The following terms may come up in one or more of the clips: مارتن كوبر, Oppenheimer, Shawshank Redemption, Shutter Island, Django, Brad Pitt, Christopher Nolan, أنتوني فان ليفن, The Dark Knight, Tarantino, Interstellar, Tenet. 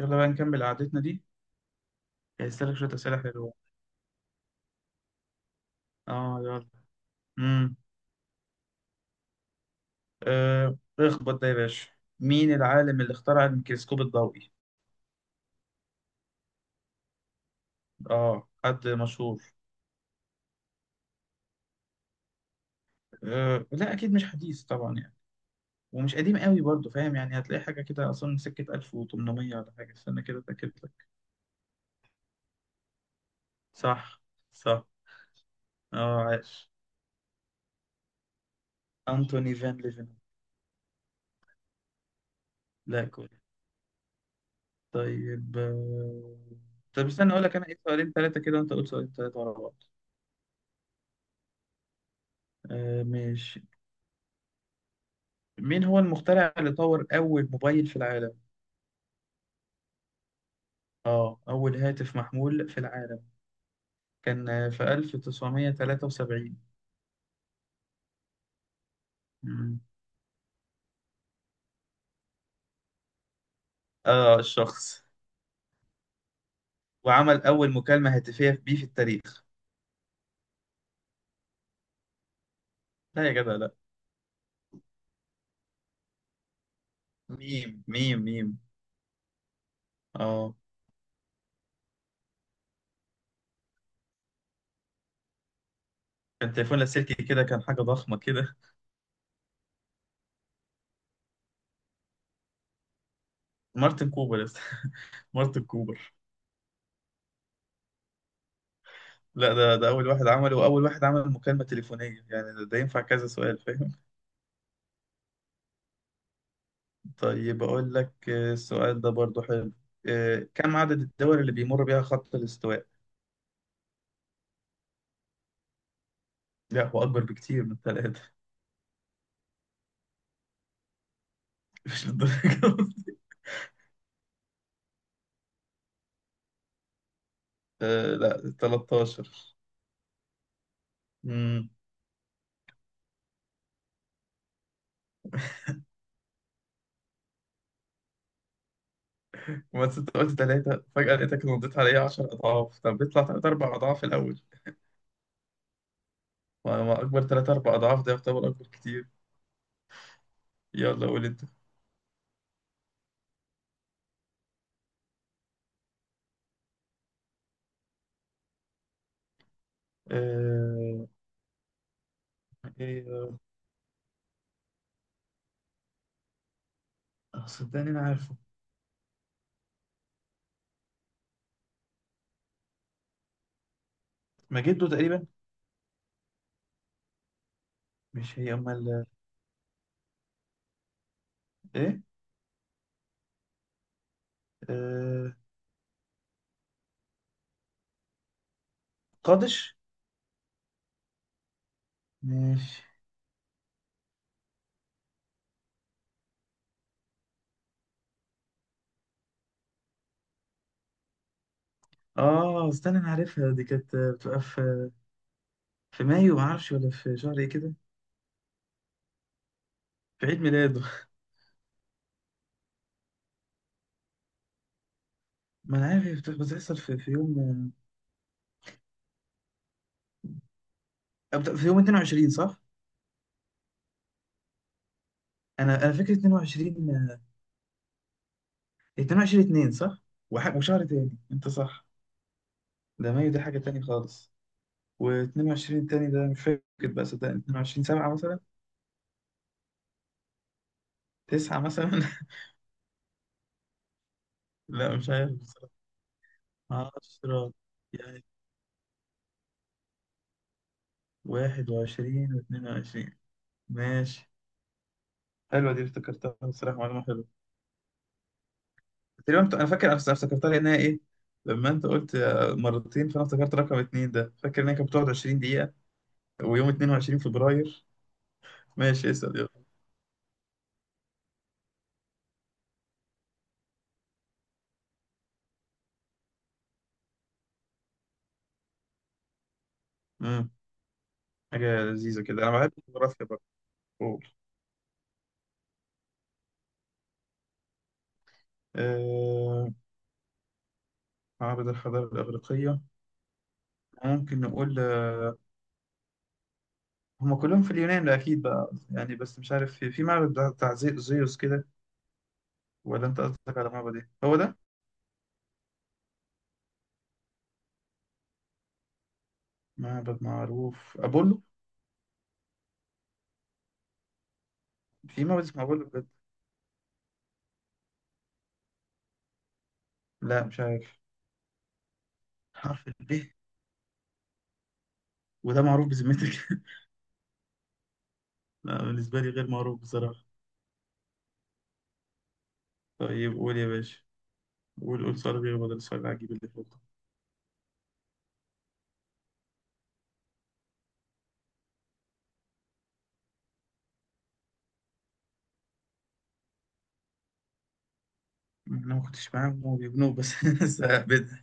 يلا بقى نكمل قعدتنا دي. هيسألك شوية أسئلة حلوة. اه، يلا. امم اخبط ده يا باشا. مين العالم اللي اخترع الميكروسكوب الضوئي؟ اه، حد مشهور. آه، لا أكيد مش حديث طبعا يعني. ومش قديم قوي برضه، فاهم، يعني هتلاقي حاجة كده أصلا من سكة 1800 ولا حاجة. استنى كده أتأكد لك. صح، صح. اه، عاش. أنتوني فان ليفن. لا، كويس. طيب. طب استنى أقول لك أنا إيه، سؤالين ثلاثة كده، وأنت قول سؤالين ثلاثة ورا بعض. آه، ماشي. مين هو المخترع اللي طور أول موبايل في العالم؟ آه، أول هاتف محمول في العالم. كان في 1973. مم. آه، الشخص. وعمل أول مكالمة هاتفية بيه في التاريخ. لا يا جدع، لا. ميم، ميم، ميم. آه. كان تليفون لاسلكي كده، كان حاجة ضخمة كده. مارتن كوبر يا أسطى. مارتن كوبر. لا، ده أول واحد عمله وأول واحد عمل مكالمة تليفونية. يعني ده ينفع كذا سؤال، فاهم. طيب أقول لك، السؤال ده برضو حلو. كم عدد الدول اللي بيمر بيها خط الاستواء؟ لا، هو أكبر بكتير من ثلاثة. مش للدرجة دي. آه، لا، 13. امم بس أنت قلت ثلاثة، فجأة لقيتك نضيت عليا 10 أضعاف. طب بيطلع ثلاث أربع أضعاف الأول. ما أكبر ثلاث أربع أضعاف ده يعتبر أكبر كتير. يلا قول أنت. آه، إيه. صدقني أنا عارفه. مجدو تقريبا. مش هي أمال؟ إيه. آه، قادش. ماشي. اه، استنى، انا عارفها دي. كانت بتبقى في مايو، ما اعرفش ولا في شهر ايه كده. في عيد ميلاده. ما انا عارف، هي بتحصل في يوم. في يوم 22، صح. انا فاكر 22، 22 2 صح. وشهر تاني انت صح. ده مايو ده حاجة تاني خالص. و22 التاني ده مش فاكر بقى، صدقني 22 7 مثلا. 9 مثلا. لا، مش عارف بصراحة. 10. يعني 21 و22. ماشي. حلوة دي، افتكرتها بصراحة. معلومة حلوة. تقريبا انا فاكر، انا افتكرتها لانها ايه، لما انت قلت مرتين، فانا افتكرت رقم اتنين ده، فاكر انها كانت بتقعد 20 دقيقة ويوم 22 فبراير. ماشي، اسأل يلا. امم حاجة لذيذة كده، انا بحب الجغرافيا برضه. قول. آه... معبد الحضارة الإغريقية. ممكن نقول هم كلهم في اليونان ده أكيد بقى يعني، بس مش عارف في، معبد بتاع زيوس كده. ولا أنت قصدك على معبد إيه؟ هو ده معبد معروف، أبولو؟ في معبد اسمه أبولو بجد؟ لا، مش عارف. حرف ال ب. وده معروف بذمتك؟ لا، بالنسبة لي غير معروف بصراحة. طيب قول يا باشا. قول قول سؤال غير، بدل السؤال العجيب اللي فوق. أنا ما كنتش معاهم هو بيبنوه بس. بدأ.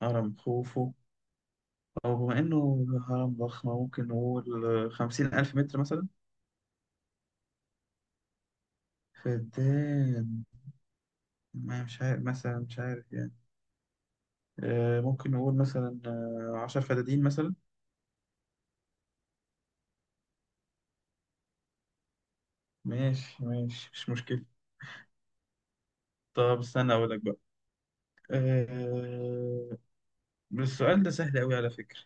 هرم خوفو، أو بما إنه هرم ضخم ممكن نقول 50,000 متر مثلا. فدان. ما مش عارف مثلا، مش عارف يعني. ممكن نقول مثلا 10 فدادين مثلا. ماشي ماشي، مش مشكلة. طب استنى أقول لك بقى، آه، السؤال ده سهل أوي على فكرة.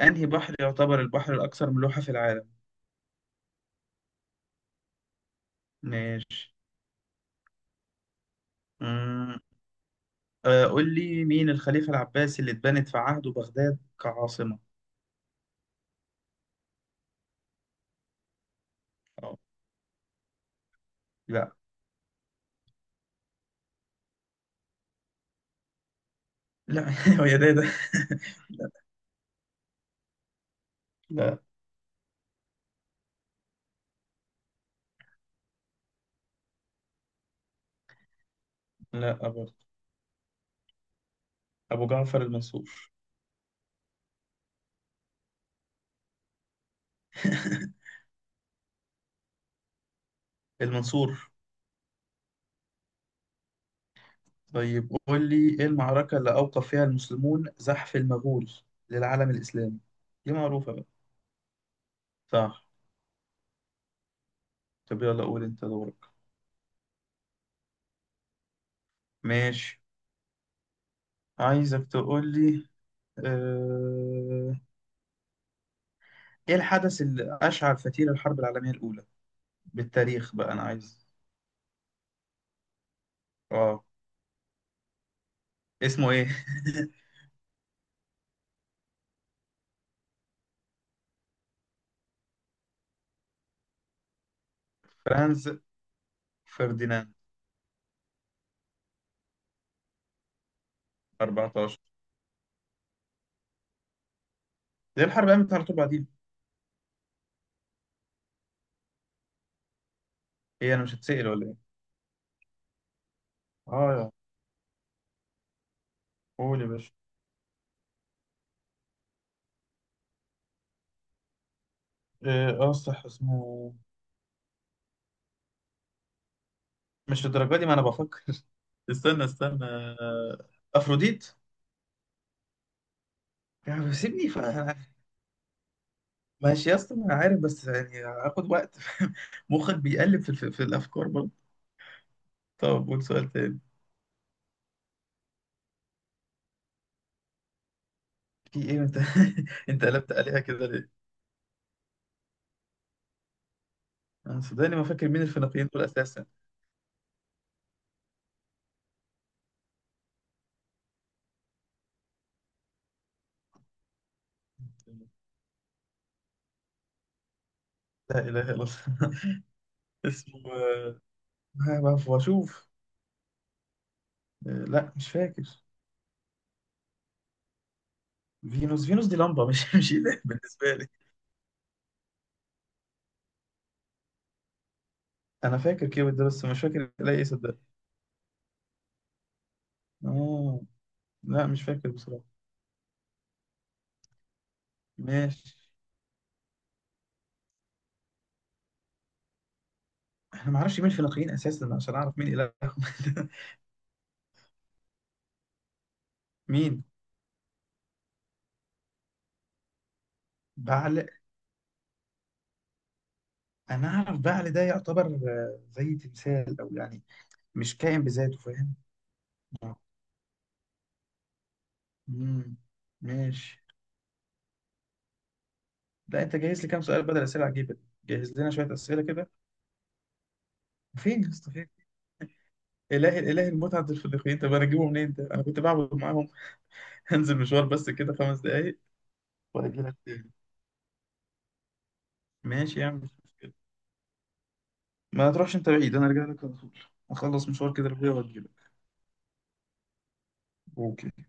أنهي بحر يعتبر البحر الأكثر ملوحة في العالم؟ ماشي. أمم، آه، قول لي مين الخليفة العباسي اللي اتبنت في عهده بغداد كعاصمة. أو. لا. لا. هو يا ده ده. لا. لا، أبو جعفر المنصور. المنصور. طيب قول لي إيه المعركة اللي أوقف فيها المسلمون زحف المغول للعالم الإسلامي. دي معروفة بقى. صح. طب يلا قول أنت دورك. ماشي، عايزك تقول لي آه، إيه الحدث اللي أشعل فتيل الحرب العالمية الأولى، بالتاريخ بقى أنا عايز. اه، اسمه ايه؟ فرانز فرديناند. 14. ليه الحرب قامت على طول بعدين. ايه، انا مش هتسأل ولا ايه؟ اه يا. قول يا باشا. إيه، اه، صح اسمه. مش الدرجه دي، ما انا بفكر. استنى، استنى، افروديت. يعني سيبني ف... ماشي يا اسطى، ما انا عارف، بس يعني هاخد وقت. مخك بيقلب في الافكار برضه. طب قول سؤال تاني. في ايه انت؟ انت قلبت عليها كده ليه؟ انا صدقني ما فاكر مين الفينيقيين دول اساسا. لا اله الا الله. اسمه ها بقى واشوف. لا مش فاكر. فينوس. فينوس دي لمبة، مش مش إله بالنسبة لي. أنا فاكر كيوت ده، بس مش فاكر إله إيه، صدق. آه، لا مش فاكر بصراحة. ماشي. أنا معرفش مين فينيقيين أساسا عشان أعرف مين إلههم. مين. بعل. أنا أعرف بعل ده يعتبر زي تمثال، أو يعني مش كائن بذاته، فاهم. آه. مم. ماشي. لا، أنت جاهز لي كام سؤال بدل أسئلة عجيبة دي؟ جهز لنا شوية أسئلة كده. فين يا اسطى. إله الإله المتعة الفلبين، طب أنا أجيبه منين ده؟ أنا كنت بعبد معاهم؟ هنزل مشوار بس كده 5 دقايق وأجي لك تاني. ماشي يا عم، مش مشكلة. ما تروحش أنت بعيد، أنا أرجع لك على طول. أخلص مشوار كده لأبويا وأجي لك. أوكي.